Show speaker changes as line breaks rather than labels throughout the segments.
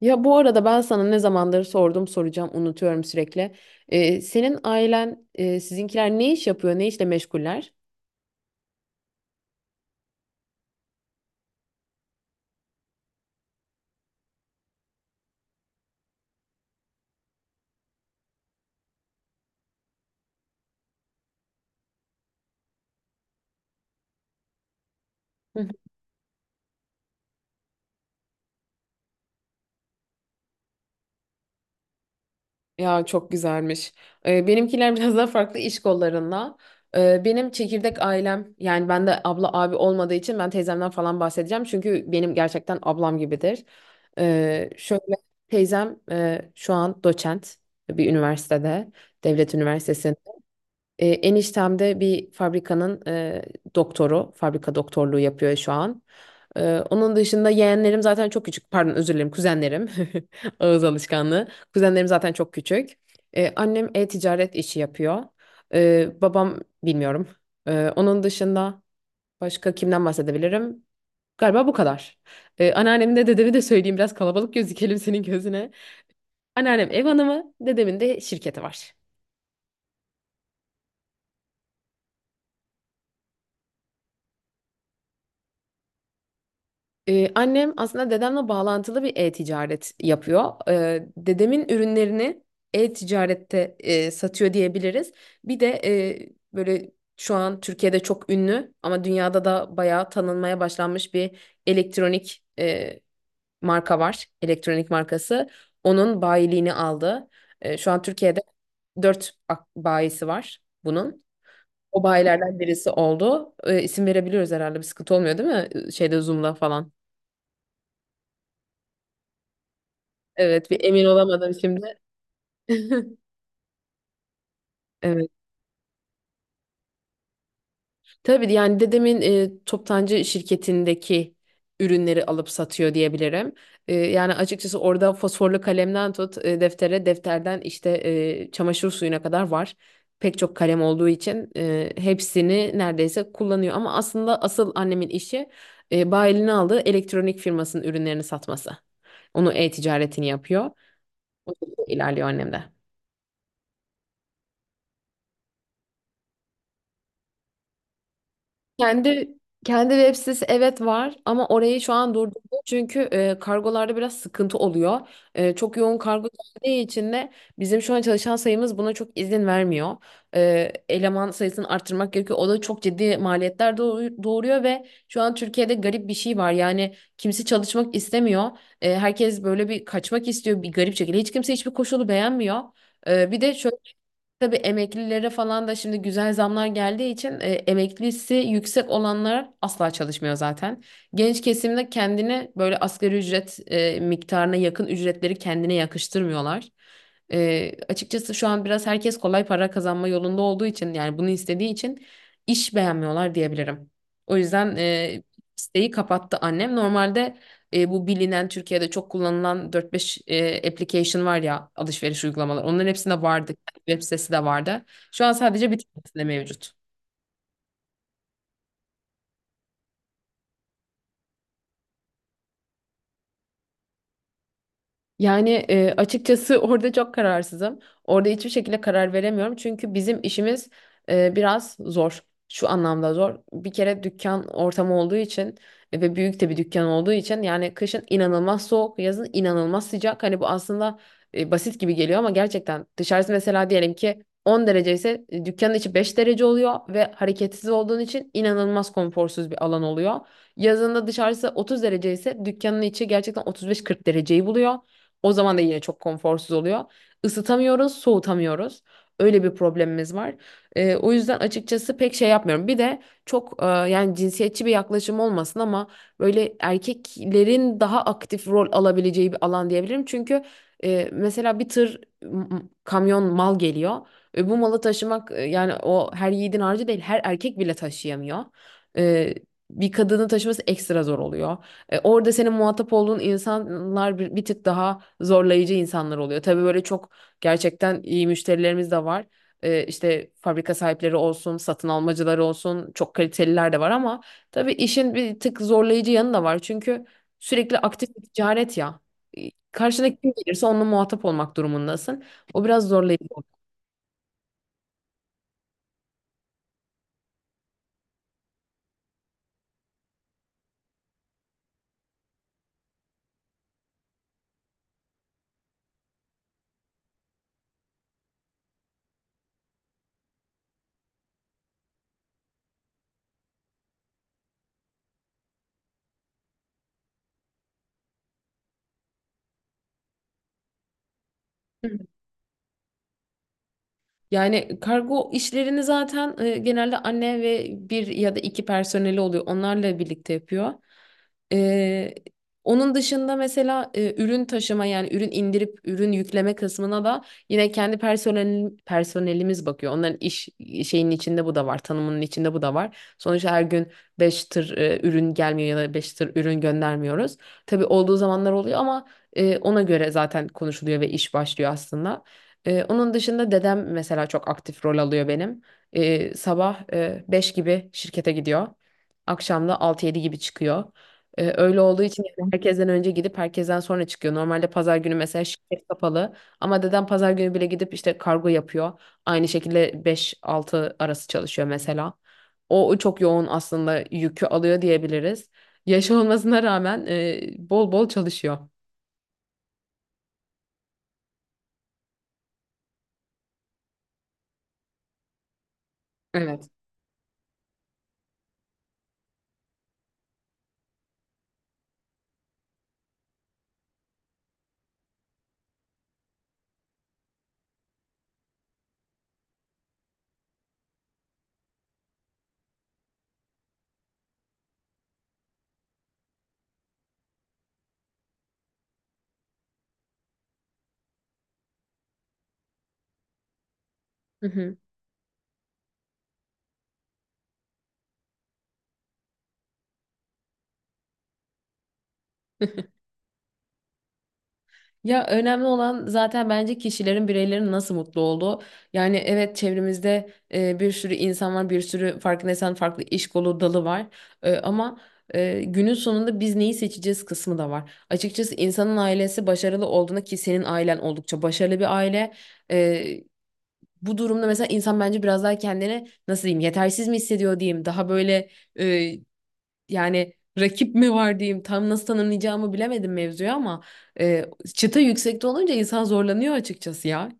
Ya bu arada ben sana ne zamandır sordum soracağım unutuyorum sürekli. Senin ailen sizinkiler ne iş yapıyor, ne işle meşguller? Hı. Ya çok güzelmiş. Benimkiler biraz daha farklı iş kollarında. Benim çekirdek ailem, yani ben de abla abi olmadığı için ben teyzemden falan bahsedeceğim. Çünkü benim gerçekten ablam gibidir. Şöyle, teyzem şu an doçent bir üniversitede, devlet üniversitesinde. Eniştem de bir fabrikanın doktoru, fabrika doktorluğu yapıyor şu an. Onun dışında yeğenlerim zaten çok küçük, pardon özür dilerim, kuzenlerim, ağız alışkanlığı. Kuzenlerim zaten çok küçük. Annem e-ticaret işi yapıyor. Babam bilmiyorum. Onun dışında başka kimden bahsedebilirim? Galiba bu kadar. Anneannemin de dedemi de söyleyeyim, biraz kalabalık gözükelim senin gözüne. Anneannem ev hanımı, dedemin de şirketi var. Annem aslında dedemle bağlantılı bir e-ticaret yapıyor. Dedemin ürünlerini e-ticarette satıyor diyebiliriz. Bir de böyle şu an Türkiye'de çok ünlü ama dünyada da bayağı tanınmaya başlanmış bir elektronik marka var. Elektronik markası. Onun bayiliğini aldı. Şu an Türkiye'de dört bayisi var bunun. O bayilerden birisi oldu. E, isim verebiliyoruz herhalde, bir sıkıntı olmuyor değil mi? Şeyde Zoom'da falan. Evet, bir emin olamadım şimdi. Evet. Tabii, yani dedemin toptancı şirketindeki ürünleri alıp satıyor diyebilirim. Yani açıkçası orada fosforlu kalemden tut deftere, defterden işte çamaşır suyuna kadar var. Pek çok kalem olduğu için hepsini neredeyse kullanıyor. Ama aslında asıl annemin işi bayiline aldığı elektronik firmasının ürünlerini satması. Onu e-ticaretini yapıyor. O şekilde ilerliyor annem de. Kendi kendi web sitesi evet var ama orayı şu an durdurdu, çünkü kargolarda biraz sıkıntı oluyor. Çok yoğun kargo geldiği için de bizim şu an çalışan sayımız buna çok izin vermiyor. Eleman sayısını arttırmak gerekiyor. O da çok ciddi maliyetler doğuruyor ve şu an Türkiye'de garip bir şey var. Yani kimse çalışmak istemiyor. Herkes böyle bir kaçmak istiyor bir garip şekilde. Hiç kimse hiçbir koşulu beğenmiyor. Bir de şöyle. Tabii emeklilere falan da şimdi güzel zamlar geldiği için emeklisi yüksek olanlar asla çalışmıyor zaten. Genç kesimde kendini böyle asgari ücret miktarına yakın ücretleri kendine yakıştırmıyorlar. Açıkçası şu an biraz herkes kolay para kazanma yolunda olduğu için, yani bunu istediği için iş beğenmiyorlar diyebilirim. O yüzden isteği kapattı annem. Normalde bu bilinen Türkiye'de çok kullanılan dört beş application var ya, alışveriş uygulamaları. Onların hepsinde vardı, web sitesi de vardı. Şu an sadece bir tanesinde mevcut. Yani açıkçası orada çok kararsızım. Orada hiçbir şekilde karar veremiyorum. Çünkü bizim işimiz biraz zor. Şu anlamda zor. Bir kere dükkan ortamı olduğu için ve büyük de bir dükkan olduğu için, yani kışın inanılmaz soğuk, yazın inanılmaz sıcak. Hani bu aslında basit gibi geliyor ama gerçekten dışarısı mesela diyelim ki 10 derece ise dükkanın içi 5 derece oluyor ve hareketsiz olduğun için inanılmaz konforsuz bir alan oluyor. Yazında dışarısı 30 derece ise dükkanın içi gerçekten 35-40 dereceyi buluyor. O zaman da yine çok konforsuz oluyor. Isıtamıyoruz, soğutamıyoruz. Öyle bir problemimiz var. O yüzden açıkçası pek şey yapmıyorum. Bir de çok yani cinsiyetçi bir yaklaşım olmasın ama böyle erkeklerin daha aktif rol alabileceği bir alan diyebilirim. Çünkü mesela bir tır kamyon mal geliyor. Bu malı taşımak yani o her yiğidin harcı değil, her erkek bile taşıyamıyor. E, bir kadının taşıması ekstra zor oluyor. Orada senin muhatap olduğun insanlar bir tık daha zorlayıcı insanlar oluyor. Tabii böyle çok gerçekten iyi müşterilerimiz de var. E, işte fabrika sahipleri olsun, satın almacıları olsun, çok kaliteliler de var ama tabii işin bir tık zorlayıcı yanı da var. Çünkü sürekli aktif bir ticaret ya. Karşına kim gelirse onunla muhatap olmak durumundasın. O biraz zorlayıcı oluyor. Yani kargo işlerini zaten genelde anne ve bir ya da iki personeli oluyor. Onlarla birlikte yapıyor. E, onun dışında mesela ürün taşıma, yani ürün indirip ürün yükleme kısmına da yine kendi personelimiz bakıyor. Onların iş şeyinin içinde bu da var, tanımının içinde bu da var. Sonuçta her gün 5 tır ürün gelmiyor ya da 5 tır ürün göndermiyoruz. Tabii olduğu zamanlar oluyor ama ona göre zaten konuşuluyor ve iş başlıyor aslında. Onun dışında dedem mesela çok aktif rol alıyor benim. Sabah 5 gibi şirkete gidiyor. Akşam da 6-7 gibi çıkıyor. Öyle olduğu için yani herkesten önce gidip herkesten sonra çıkıyor. Normalde pazar günü mesela şirket kapalı ama dedem pazar günü bile gidip işte kargo yapıyor. Aynı şekilde 5-6 arası çalışıyor mesela. O çok yoğun aslında yükü alıyor diyebiliriz. Yaşı olmasına rağmen bol bol çalışıyor. Evet. Hı hı. Ya önemli olan zaten bence kişilerin, bireylerin nasıl mutlu olduğu. Yani evet, çevremizde bir sürü insan var, bir sürü, farkındaysan, farklı iş kolu dalı var. Ama günün sonunda biz neyi seçeceğiz kısmı da var. Açıkçası insanın ailesi başarılı olduğunda, ki senin ailen oldukça başarılı bir aile. e, bu durumda mesela insan bence biraz daha kendini nasıl diyeyim, yetersiz mi hissediyor diyeyim. Daha böyle, yani rakip mi var diyeyim, tam nasıl tanımlayacağımı bilemedim mevzuyu ama e, çıta yüksekte olunca insan zorlanıyor açıkçası ya.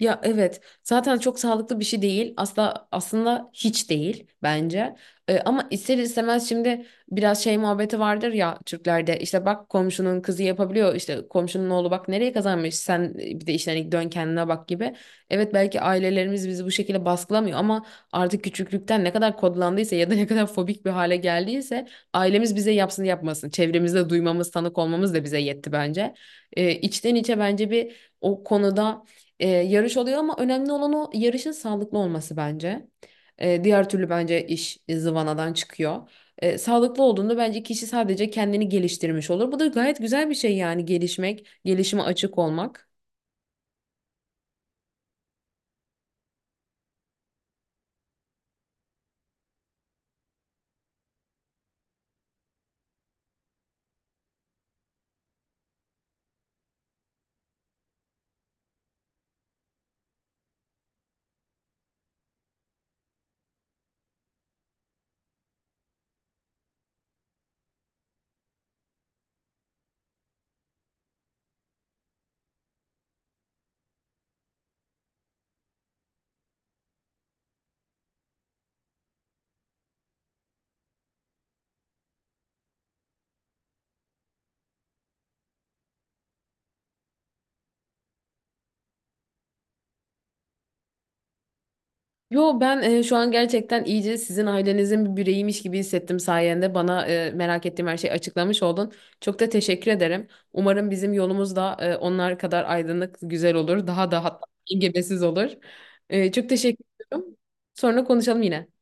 Ya evet, zaten çok sağlıklı bir şey değil, asla, aslında hiç değil bence. Ama ister istemez şimdi biraz şey muhabbeti vardır ya Türklerde, işte bak komşunun kızı yapabiliyor, işte komşunun oğlu bak nereye kazanmış, sen bir de işte hani dön kendine bak gibi. Evet, belki ailelerimiz bizi bu şekilde baskılamıyor ama artık küçüklükten ne kadar kodlandıysa ya da ne kadar fobik bir hale geldiyse, ailemiz bize yapsın yapmasın, çevremizde duymamız, tanık olmamız da bize yetti bence. Ee, içten içe bence bir o konuda yarış oluyor ama önemli olan o yarışın sağlıklı olması bence. Diğer türlü bence iş zıvanadan çıkıyor. Sağlıklı olduğunda bence kişi sadece kendini geliştirmiş olur. Bu da gayet güzel bir şey, yani gelişmek, gelişime açık olmak. Yo, ben şu an gerçekten iyice sizin ailenizin bir bireyiymiş gibi hissettim sayende. Bana merak ettiğim her şeyi açıklamış oldun. Çok da teşekkür ederim. Umarım bizim yolumuz da onlar kadar aydınlık, güzel olur. Daha da hatta engebesiz olur. Çok teşekkür ederim. Sonra konuşalım yine.